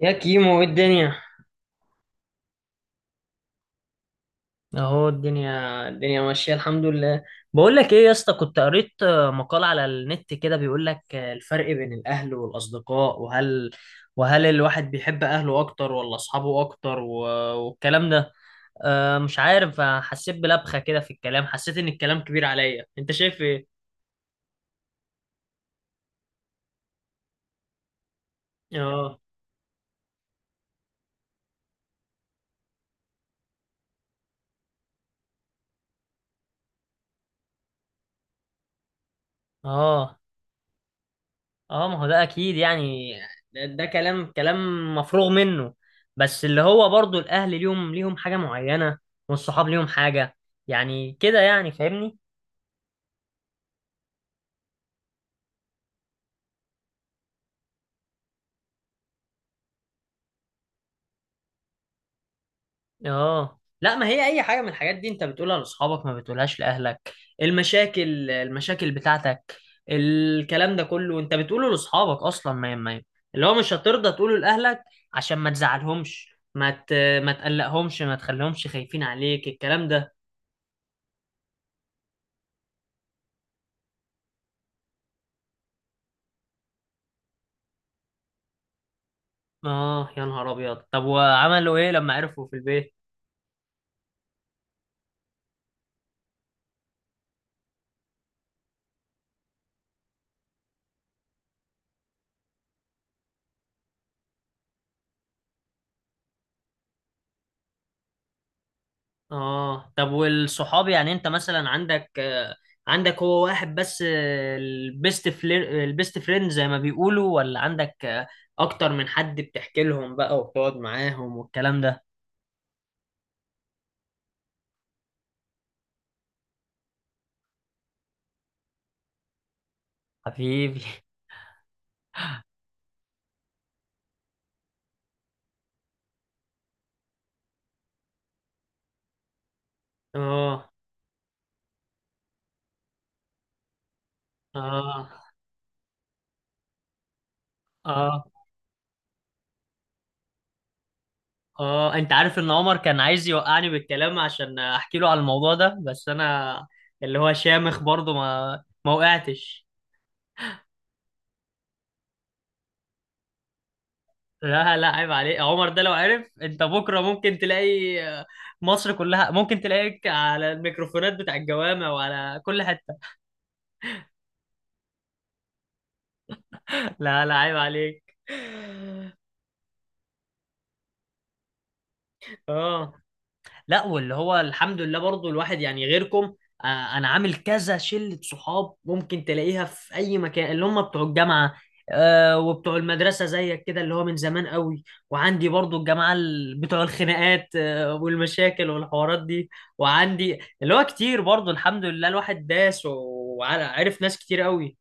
يا كيمو ايه الدنيا؟ اهو الدنيا الدنيا ماشيه الحمد لله. بقول لك ايه يا اسطى، كنت قريت مقال على النت كده بيقول لك الفرق بين الاهل والاصدقاء، وهل الواحد بيحب اهله اكتر ولا اصحابه اكتر، والكلام ده. مش عارف، حسيت بلبخه كده في الكلام، حسيت ان الكلام كبير عليا. انت شايف ايه؟ اه اه اه، ما هو ده اكيد يعني. ده كلام مفروغ منه. بس اللي هو برضو الاهل ليهم حاجه معينه، والصحاب ليهم حاجه. يعني كده، يعني فاهمني. اه، لا، ما هي اي حاجه من الحاجات دي انت بتقولها لاصحابك، ما بتقولهاش لاهلك. المشاكل بتاعتك، الكلام ده كله انت بتقوله لاصحابك اصلا. ما اللي هو مش هترضى تقوله لاهلك عشان ما تزعلهمش، ما ت... ما تقلقهمش، ما تخليهمش خايفين عليك الكلام ده. اه يا نهار ابيض، طب وعملوا ايه لما عرفوا في البيت؟ اه طب والصحاب يعني، انت مثلا عندك عندك هو واحد بس، البيست فلير، البيست فريند زي ما بيقولوا، ولا عندك اكتر من حد بتحكي لهم بقى وبتقعد معاهم والكلام ده؟ حبيبي. اه اه اه اه، انت عارف ان عمر كان عايز يوقعني بالكلام عشان احكي له على الموضوع ده، بس انا اللي هو شامخ برضه، ما وقعتش. لا لا، عيب عليك، عمر ده لو عرف، انت بكره ممكن تلاقي مصر كلها ممكن تلاقيك على الميكروفونات بتاع الجوامع وعلى كل حته. لا لا، عيب عليك. اه، لا، واللي هو الحمد لله برضو الواحد يعني غيركم، آه، انا عامل كذا شلة صحاب، ممكن تلاقيها في اي مكان، اللي هم بتوع الجامعة وبتوع المدرسة زيك كده، اللي هو من زمان قوي. وعندي برضو الجماعة بتوع الخناقات والمشاكل والحوارات دي. وعندي اللي هو كتير برضو، الحمد لله، الواحد داس وعرف ناس كتير قوي.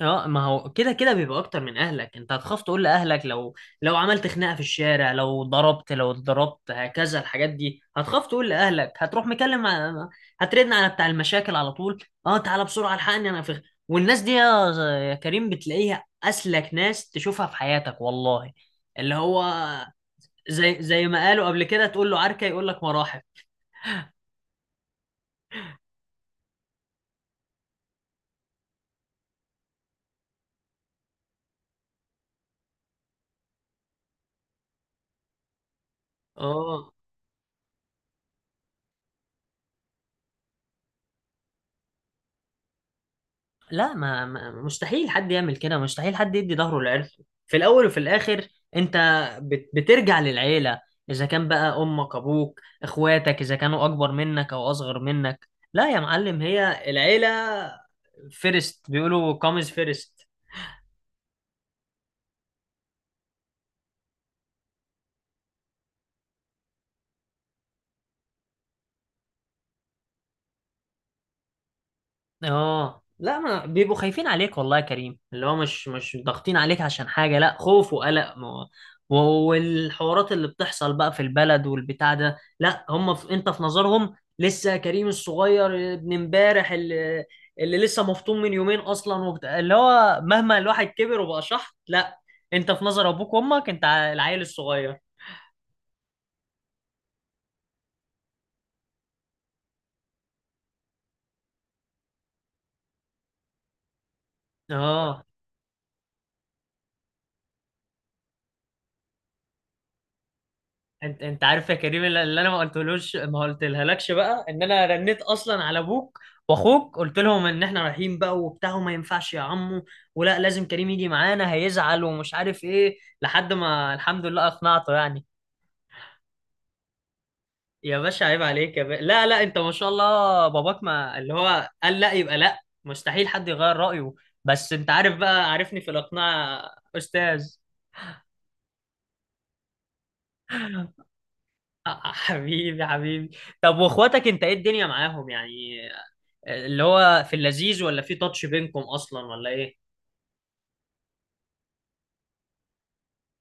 اه، ما هو كده كده بيبقى اكتر من اهلك. انت هتخاف تقول لاهلك، لو عملت خناقه في الشارع، لو ضربت، لو اتضربت، هكذا الحاجات دي هتخاف تقول لاهلك. هتروح مكلم هترن على بتاع المشاكل على طول، اه تعالى بسرعه الحقني انا في. والناس دي يا يا كريم بتلاقيها اسلك ناس تشوفها في حياتك والله. اللي هو زي ما قالوا قبل كده، تقول له عركه يقول لك مراحب. اه لا، مستحيل حد يعمل كده، مستحيل حد يدي ظهره لعيلته. في الاول وفي الاخر انت بترجع للعيله، اذا كان بقى امك، ابوك، اخواتك، اذا كانوا اكبر منك او اصغر منك. لا يا معلم، هي العيله فيرست، بيقولوا كومز فيرست. اه لا، ما بيبقوا خايفين عليك والله يا كريم. اللي هو مش ضاغطين عليك عشان حاجة، لا، خوف وقلق، ما و- والحوارات اللي بتحصل بقى في البلد والبتاع ده. لا، هم في، انت في نظرهم لسه كريم الصغير، ابن امبارح، اللي لسه مفطوم من يومين اصلا وبتاع. اللي هو مهما الواحد كبر وبقى شحط، لا، انت في نظر ابوك وامك انت العيل الصغير. اه، انت عارف يا كريم، اللي انا ما قلتلوش، ما قلتلهالكش بقى، ان انا رنيت اصلا على ابوك واخوك، قلت لهم ان احنا رايحين بقى وبتاع، وما ينفعش يا عمو، ولا لازم كريم يجي معانا، هيزعل ومش عارف ايه، لحد ما الحمد لله اقنعته يعني. يا باشا عيب عليك، يا باشا، لا لا، انت ما شاء الله باباك ما اللي هو قال لا يبقى لا، مستحيل حد يغير رأيه. بس انت عارف بقى، عارفني في الاقناع، استاذ. حبيبي حبيبي. طب واخواتك انت، ايه الدنيا معاهم يعني؟ اللي هو في اللذيذ، ولا في تاتش بينكم اصلا، ولا ايه؟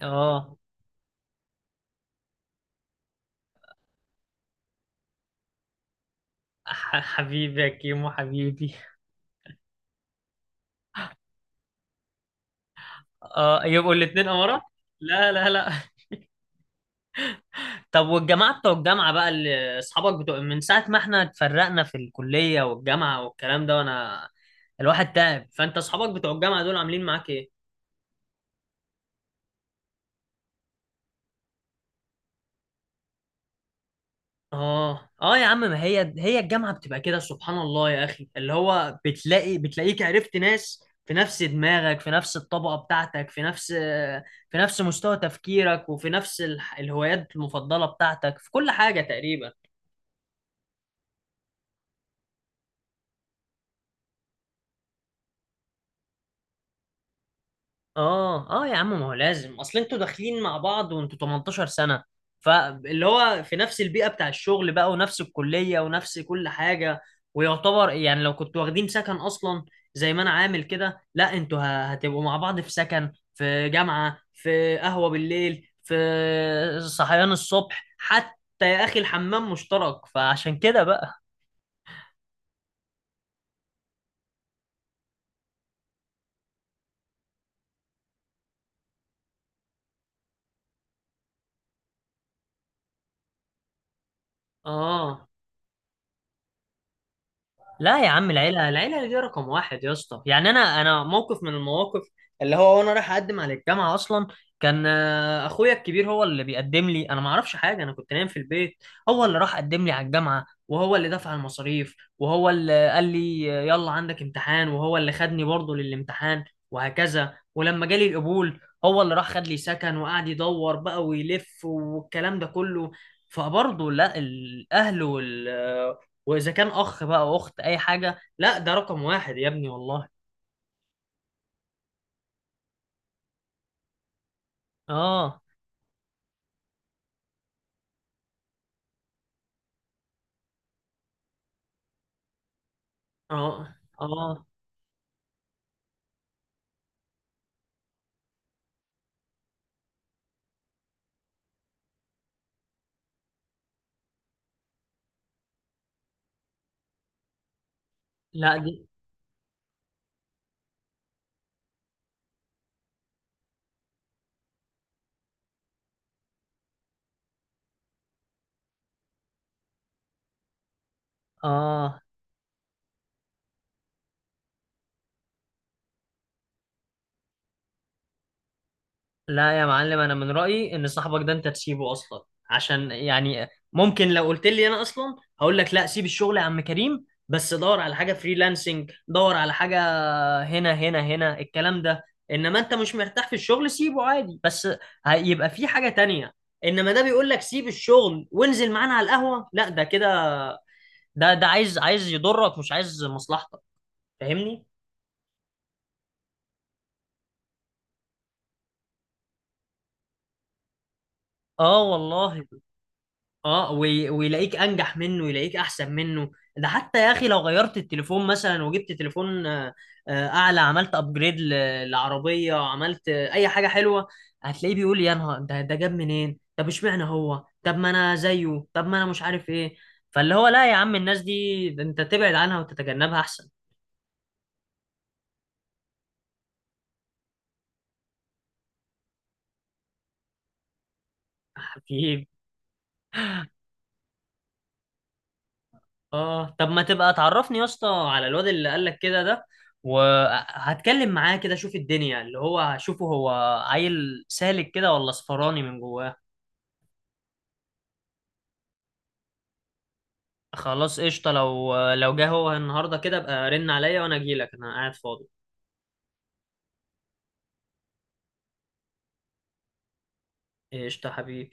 اه، حبيبي يا كيمو، حبيبي. اه، يبقوا الاتنين امارات. لا لا لا. طب والجماعه بتوع الجامعه بقى، اللي اصحابك بتوع من ساعه ما احنا اتفرقنا في الكليه والجامعه والكلام ده، وانا الواحد تعب، فانت اصحابك بتوع الجامعه دول عاملين معاك ايه؟ اه اه يا عم، ما هي هي الجامعه بتبقى كده سبحان الله يا اخي. اللي هو بتلاقيك عرفت ناس في نفس دماغك، في نفس الطبقه بتاعتك، في نفس مستوى تفكيرك، وفي نفس الهوايات المفضله بتاعتك في كل حاجه تقريبا. اه اه يا عم، ما هو لازم، اصل انتوا داخلين مع بعض وانتوا 18 سنة، فاللي هو في نفس البيئة بتاع الشغل بقى، ونفس الكلية، ونفس كل حاجة. ويعتبر يعني لو كنتوا واخدين سكن اصلا زي ما انا عامل كده، لا انتوا هتبقوا مع بعض في سكن، في جامعة، في قهوة بالليل، في صحيان الصبح حتى يا اخي، الحمام مشترك، فعشان كده بقى. اه لا يا عم، العيلة، العيلة دي رقم واحد يا اسطى يعني. أنا موقف من المواقف، اللي هو وأنا رايح أقدم على الجامعة أصلا، كان أخويا الكبير هو اللي بيقدم لي، أنا ما أعرفش حاجة، أنا كنت نايم في البيت. هو اللي راح قدم لي على الجامعة، وهو اللي دفع المصاريف، وهو اللي قال لي يلا عندك امتحان، وهو اللي خدني برضه للامتحان، وهكذا. ولما جالي القبول، هو اللي راح خد لي سكن وقعد يدور بقى ويلف والكلام ده كله. فبرضه لا، الأهل وال، واذا كان اخ بقى أو اخت اي حاجه، لا، ده رقم واحد يا ابني والله. اه اه اه. لا دي. اه لا يا معلم، انا من رايي ان صاحبك ده انت تسيبه اصلا. عشان يعني ممكن لو قلت لي انا اصلا، هقول لك لا سيب الشغل يا عم كريم، بس دور على حاجه فريلانسنج، دور على حاجه هنا الكلام ده. انما انت مش مرتاح في الشغل، سيبه عادي، بس هيبقى في حاجه تانية. انما ده بيقول لك سيب الشغل وانزل معانا على القهوه، لا ده كده، ده ده عايز يضرك، مش عايز مصلحتك. فاهمني. اه والله. اه ويلاقيك انجح منه، يلاقيك احسن منه. ده حتى يا اخي لو غيرت التليفون مثلا، وجبت تليفون اعلى، عملت ابجريد للعربيه، عملت اي حاجه حلوه، هتلاقيه بيقول يا نهار، ده ده جاب منين، طب اشمعنى هو، طب ما انا زيه، طب ما انا مش عارف ايه. فاللي هو لا يا عم، الناس دي، ده انت تبعد عنها وتتجنبها احسن. اه طب ما تبقى تعرفني يا اسطى على الواد اللي قالك كده ده، وهتكلم معاه كده اشوف الدنيا، اللي هو هشوفه هو عيل سالك كده ولا صفراني من جواه. خلاص قشطة، لو جه هو النهارده كده ابقى رن عليا وانا اجيلك، انا قاعد فاضي. قشطة حبيبي.